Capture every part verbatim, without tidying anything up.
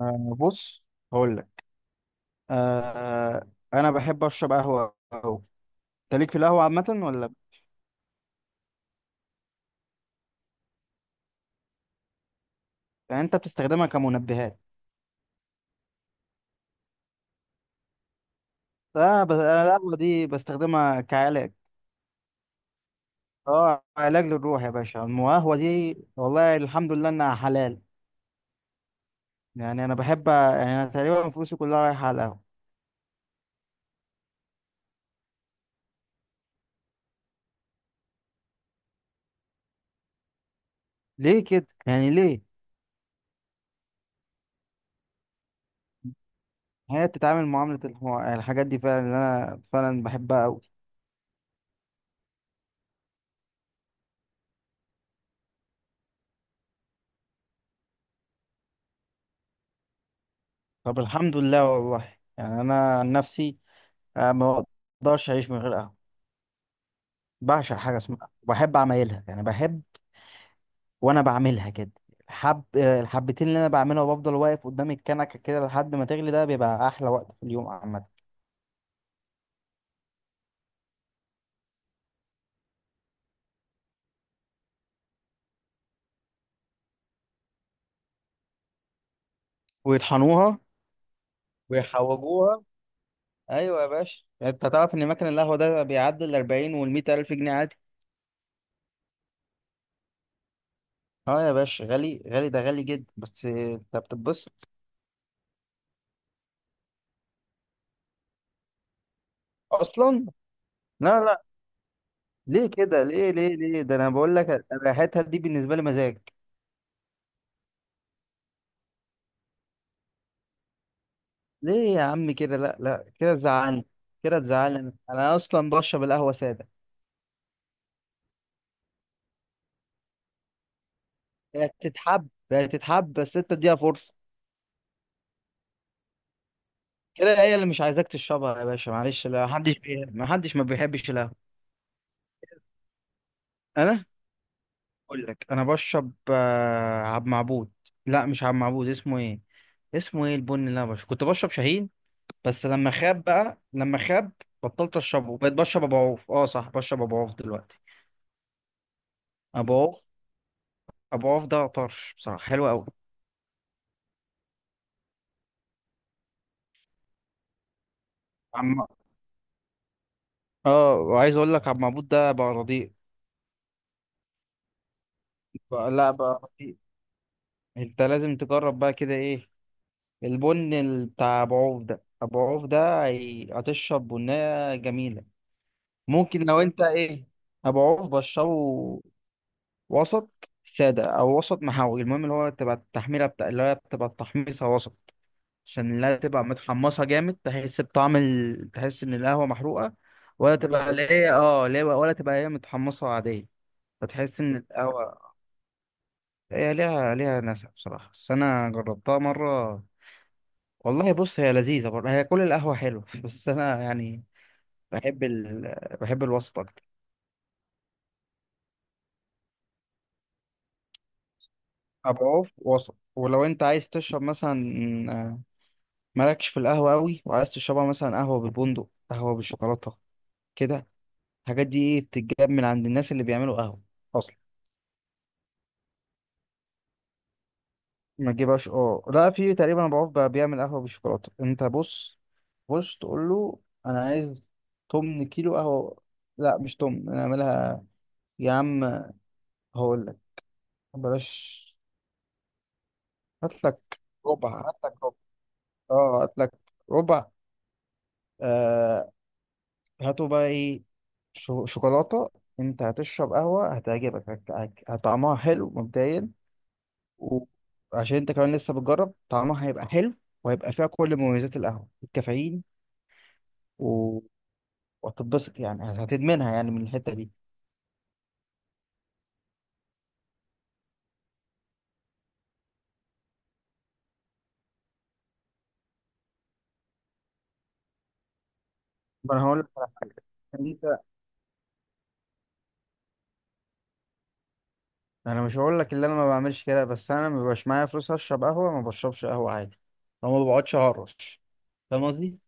آه، بص، هقول لك. آه انا بحب اشرب قهوه أوي. انت ليك في القهوه عامه ولا يعني؟ انت بتستخدمها كمنبهات؟ لا، بس انا القهوه دي بستخدمها كعلاج. اه، علاج للروح يا باشا. القهوه دي والله الحمد لله انها حلال. يعني انا بحب، يعني انا تقريبا فلوسي كلها رايحه على القهوه. ليه كده يعني؟ ليه؟ هي بتتعامل معامله الحو- الحاجات دي فعلا اللي انا فعلا بحبها قوي. طب الحمد لله والله. يعني انا عن نفسي، آه، ما اقدرش اعيش من غير قهوه. بعشق حاجه اسمها، وبحب اعملها، يعني بحب. وانا بعملها كده، الحب آه، الحبتين اللي انا بعملها، وبفضل واقف قدام الكنكه كده لحد ما تغلي، ده بيبقى احلى وقت في اليوم عامه. ويطحنوها ويحوجوها. ايوه يا باشا، انت تعرف ان مكان القهوه ده بيعدي ال أربعين وال مية الف جنيه عادي. اه يا باشا، غالي غالي، ده غالي جدا، بس انت بتتبسط اصلا. لا لا، ليه كده؟ ليه ليه ليه؟ ده انا بقول لك ريحتها دي بالنسبه لي مزاج. ليه يا عم كده؟ لا لا، كده تزعلني، كده تزعلني. انا اصلا بشرب القهوه ساده. هي تتحب، هي تتحب، بس انت اديها فرصه. كده هي اللي مش عايزاك تشربها يا باشا، معلش. لا، محدش بي... محدش ما بيحبش القهوه. انا اقول لك، انا بشرب آه، عبد معبود. لا مش عبد معبود، اسمه ايه؟ اسمه ايه البن اللي انا بشرب؟ كنت بشرب شاهين، بس لما خاب بقى، لما خاب بطلت اشربه، بقيت بشرب ابو عوف. اه صح، بشرب ابو عوف دلوقتي. ابو عوف، ابو عوف ده طرش بصراحه، حلو قوي. اه، وعايز اقول لك عبد المعبود ده بقى رديء، بقى، لا بقى رديء. انت لازم تجرب بقى كده ايه، البن ال- بتاع ابو عوف ده. ابو عوف ده هي- هتشرب بنية جميلة. ممكن لو انت ايه، ابو عوف بشره، وسط سادة او وسط محاوي. المهم اللي هو تبقى التحميرة بتاع، اللي هي بتبقى التحميصة وسط، عشان لا تبقى متحمصة جامد، تحس بطعم ال... تحس ان القهوة محروقة، ولا تبقى اللي هي، اه، اللي هي- ولا تبقى هي متحمصة عادية، فتحس ان القهوة، هي ليها، ليها ناسها بصراحة. بس أنا جربتها مرة والله. بص، هي لذيذة برضه، هي كل القهوة حلوة. بس أنا يعني، بحب ال... بحب الوسط أكتر. أبقى عوف وسط. ولو أنت عايز تشرب مثلا، آه، مالكش في القهوة أوي وعايز تشربها، مثلا قهوة بالبندق، قهوة بالشوكولاتة كده، الحاجات دي إيه بتتجاب من عند الناس اللي بيعملوا قهوة أصلا. ما تجيبهاش، اه لا، في تقريبا ابو عوف بقى بيعمل قهوه بالشوكولاته. انت بص، بص تقول له: انا عايز تمن كيلو قهوه. لا مش تمن، انا اعملها. يا عم هقول لك، بلاش، هات لك ربع، هات لك ربع. اه، هات لك ربع. آه، هاتوا بقى ايه، شو- شوكولاته. انت هتشرب قهوه هتعجبك، هت- هت- هطعمها حلو مبدئيا. وعشان انت كمان لسه بتجرب، طعمها هيبقى حلو، وهيبقى فيها كل مميزات القهوه، الكافيين، وهتتبسط يعني، هتدمنها يعني من الحتة دي. ما انا هقول لك على حاجة. انت، انا مش هقول لك اللي انا ما بعملش كده، بس انا ما بيبقاش معايا فلوس اشرب قهوة ما بشربش قهوة عادي، او ما بقعدش هرش، فاهم قصدي؟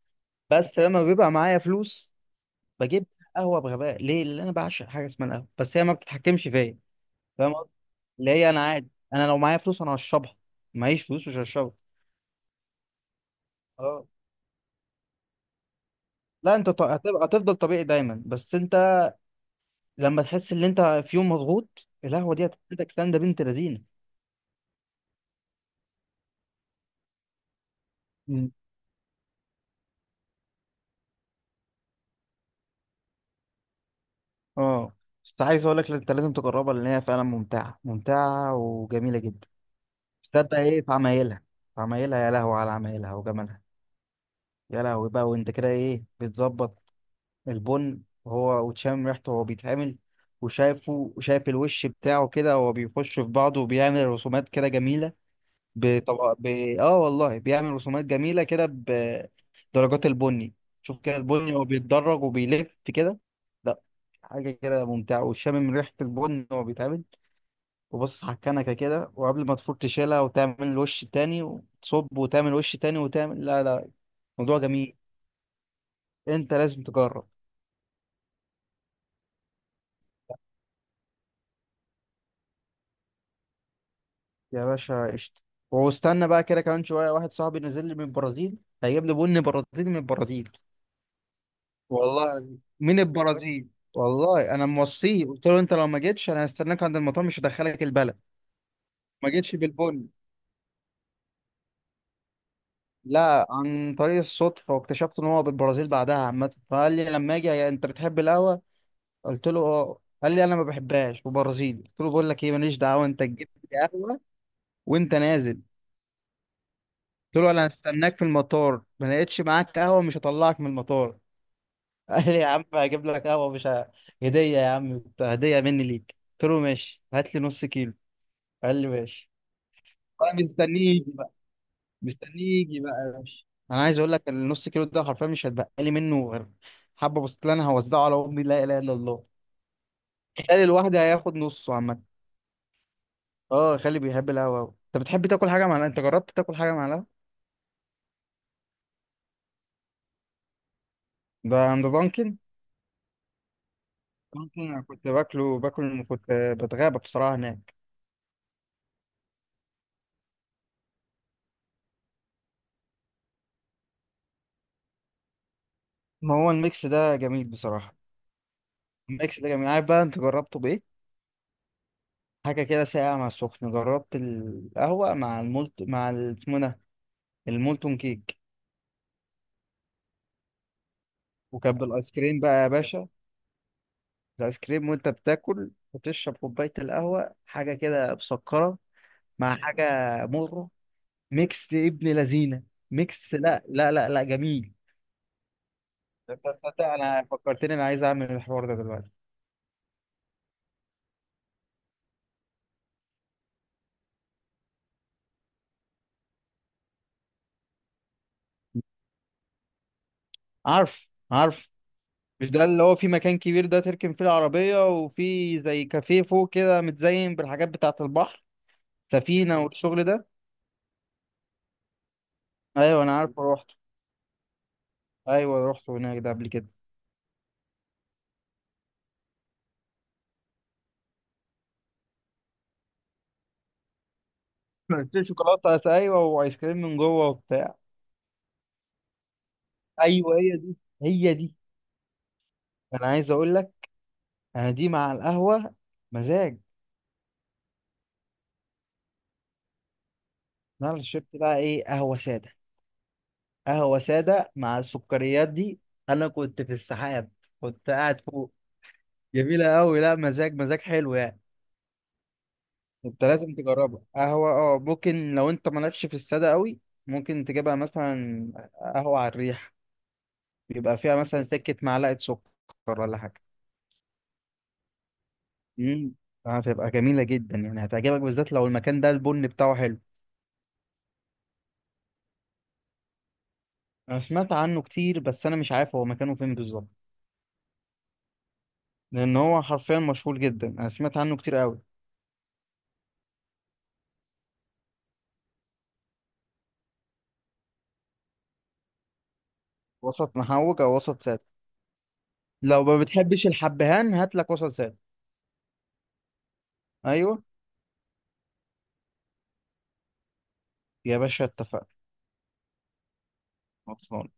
بس لما بيبقى معايا فلوس بجيب قهوة، بغباء ليه، اللي انا بعشق حاجة اسمها القهوة، بس هي ما بتتحكمش فيا، فاهم قصدي؟ اللي هي انا عادي، انا لو معايا فلوس انا هشربها، معيش فلوس مش هشربها. اه. لا انت ط- هتبقى، هتفضل طبيعي دايما، بس انت لما تحس ان انت في يوم مضغوط، القهوة دي هتديك سندة بنت لذينة. مم. اه، بس عايز اقول لك انت لازم تجربها، لان هي فعلا ممتعه ممتعه وجميله جدا. ده بقى ايه في عمايلها، في عمايلها، يا لهو على عمايلها وجمالها. يا لهوي بقى، وانت كده ايه بتظبط البن، وهو وتشم ريحته وهو بيتعمل، وشايفه، وشايف الوش بتاعه كده وهو بيخش في بعضه وبيعمل رسومات كده جميله، بطبق ب... اه والله بيعمل رسومات جميلة كده بدرجات البني. شوف كده البني وهو بيتدرج وبيلف كده. لا، حاجة كده ممتعة، وشامم ريحة البن وهو بيتعمل، وبص على الكنكة كده، وقبل ما تفور تشيلها وتعمل الوش التاني وتصب وتعمل وش تاني وتعمل، لا لا، موضوع جميل، انت لازم تجرب. يا باشا قشطة. واستنى بقى كده كمان شوية، واحد صاحبي نزل لي من البرازيل، هيجيب لي بن برازيلي من البرازيل. والله من البرازيل. والله انا موصيه، قلت له: انت لو ما جيتش انا هستناك عند المطار، مش هدخلك البلد ما جيتش بالبن. لا، عن طريق الصدفه، واكتشفت ان هو بالبرازيل بعدها عامه. فقال لي لما اجي: يا انت بتحب القهوه؟ قلت له: اه. قال لي: انا ما بحبهاش، وبرازيلي. قلت له: بقول لك ايه، ماليش دعوه، انت جبت لي قهوه وانت نازل. قلت له: انا هستناك في المطار، ما لقيتش معاك قهوه مش هطلعك من المطار. قال لي: يا عم هجيب لك قهوه، مش ه- هديه يا عم، هديه مني ليك. قلت له: ماشي، هات لي نص كيلو. قال لي: ماشي. انا مستنيه يجي بقى، مستنيه يجي بقى يا باشا. انا عايز اقول لك، النص كيلو ده حرفيا مش هتبقى لي منه غير حبه، بسطلين هوزعه على امي، لا اله الا الله. خالي الواحد هياخد نصه عامه. اه، خالي بيحب القهوه أوي. انت بتحب تاكل حاجه مع القهوة؟ انت جربت تاكل حاجه مع القهوه؟ ده عند دانكن؟ دانكن انا كنت باكله، باكل، كنت بتغابى بصراحه هناك. ما هو الميكس ده جميل بصراحه. الميكس ده جميل، عارف بقى انت جربته بايه؟ حاجه كده ساقعه مع سخن. جربت القهوه مع المولت، مع ال- اسمه ده، المولتون كيك. وكبد الايس كريم بقى يا باشا. الايس كريم وانت بتاكل وتشرب كوبايه القهوه، حاجه كده مسكره. مع حاجه، مره، ميكس ابن لذينه. ميكس، لا لا لا لا، جميل. تصدق انا فكرتني، انا عايز اعمل الحوار ده دلوقتي. عارف، عارف. مش ده اللي هو في مكان كبير، ده تركن فيه العربيه وفي زي كافيه فوق كده متزين بالحاجات بتاعه البحر، سفينه والشغل ده؟ ايوه انا عارف، روحت. ايوه روحت هناك ده قبل كده. شوكولاته، ايوه، وايس كريم من جوه وبتاع. ايوه هي دي، هي دي. انا عايز اقول لك، انا دي مع القهوه مزاج. انا اللي شربت بقى ايه، قهوه ساده، قهوه ساده مع السكريات دي. انا كنت في السحاب، كنت قاعد فوق. جميله قوي، لا مزاج، مزاج حلو يعني. انت لازم تجربها قهوه. اه ممكن لو انت مالكش في الساده قوي، ممكن تجيبها مثلا قهوه على الريح، بيبقى فيها مثلا سكه معلقه سكر ولا حاجه. امم، هتبقى جميله جدا يعني، هتعجبك، بالذات لو المكان ده البن بتاعه حلو. انا سمعت عنه كتير، بس انا مش عارف هو مكانه فين بالظبط. لان هو حرفيا مشهور جدا، انا سمعت عنه كتير قوي. وسط محوج او وسط سادس. لو ما بتحبش الحبهان، هات لك وسط سادس. ايوه يا باشا، اتفقنا. خلصان.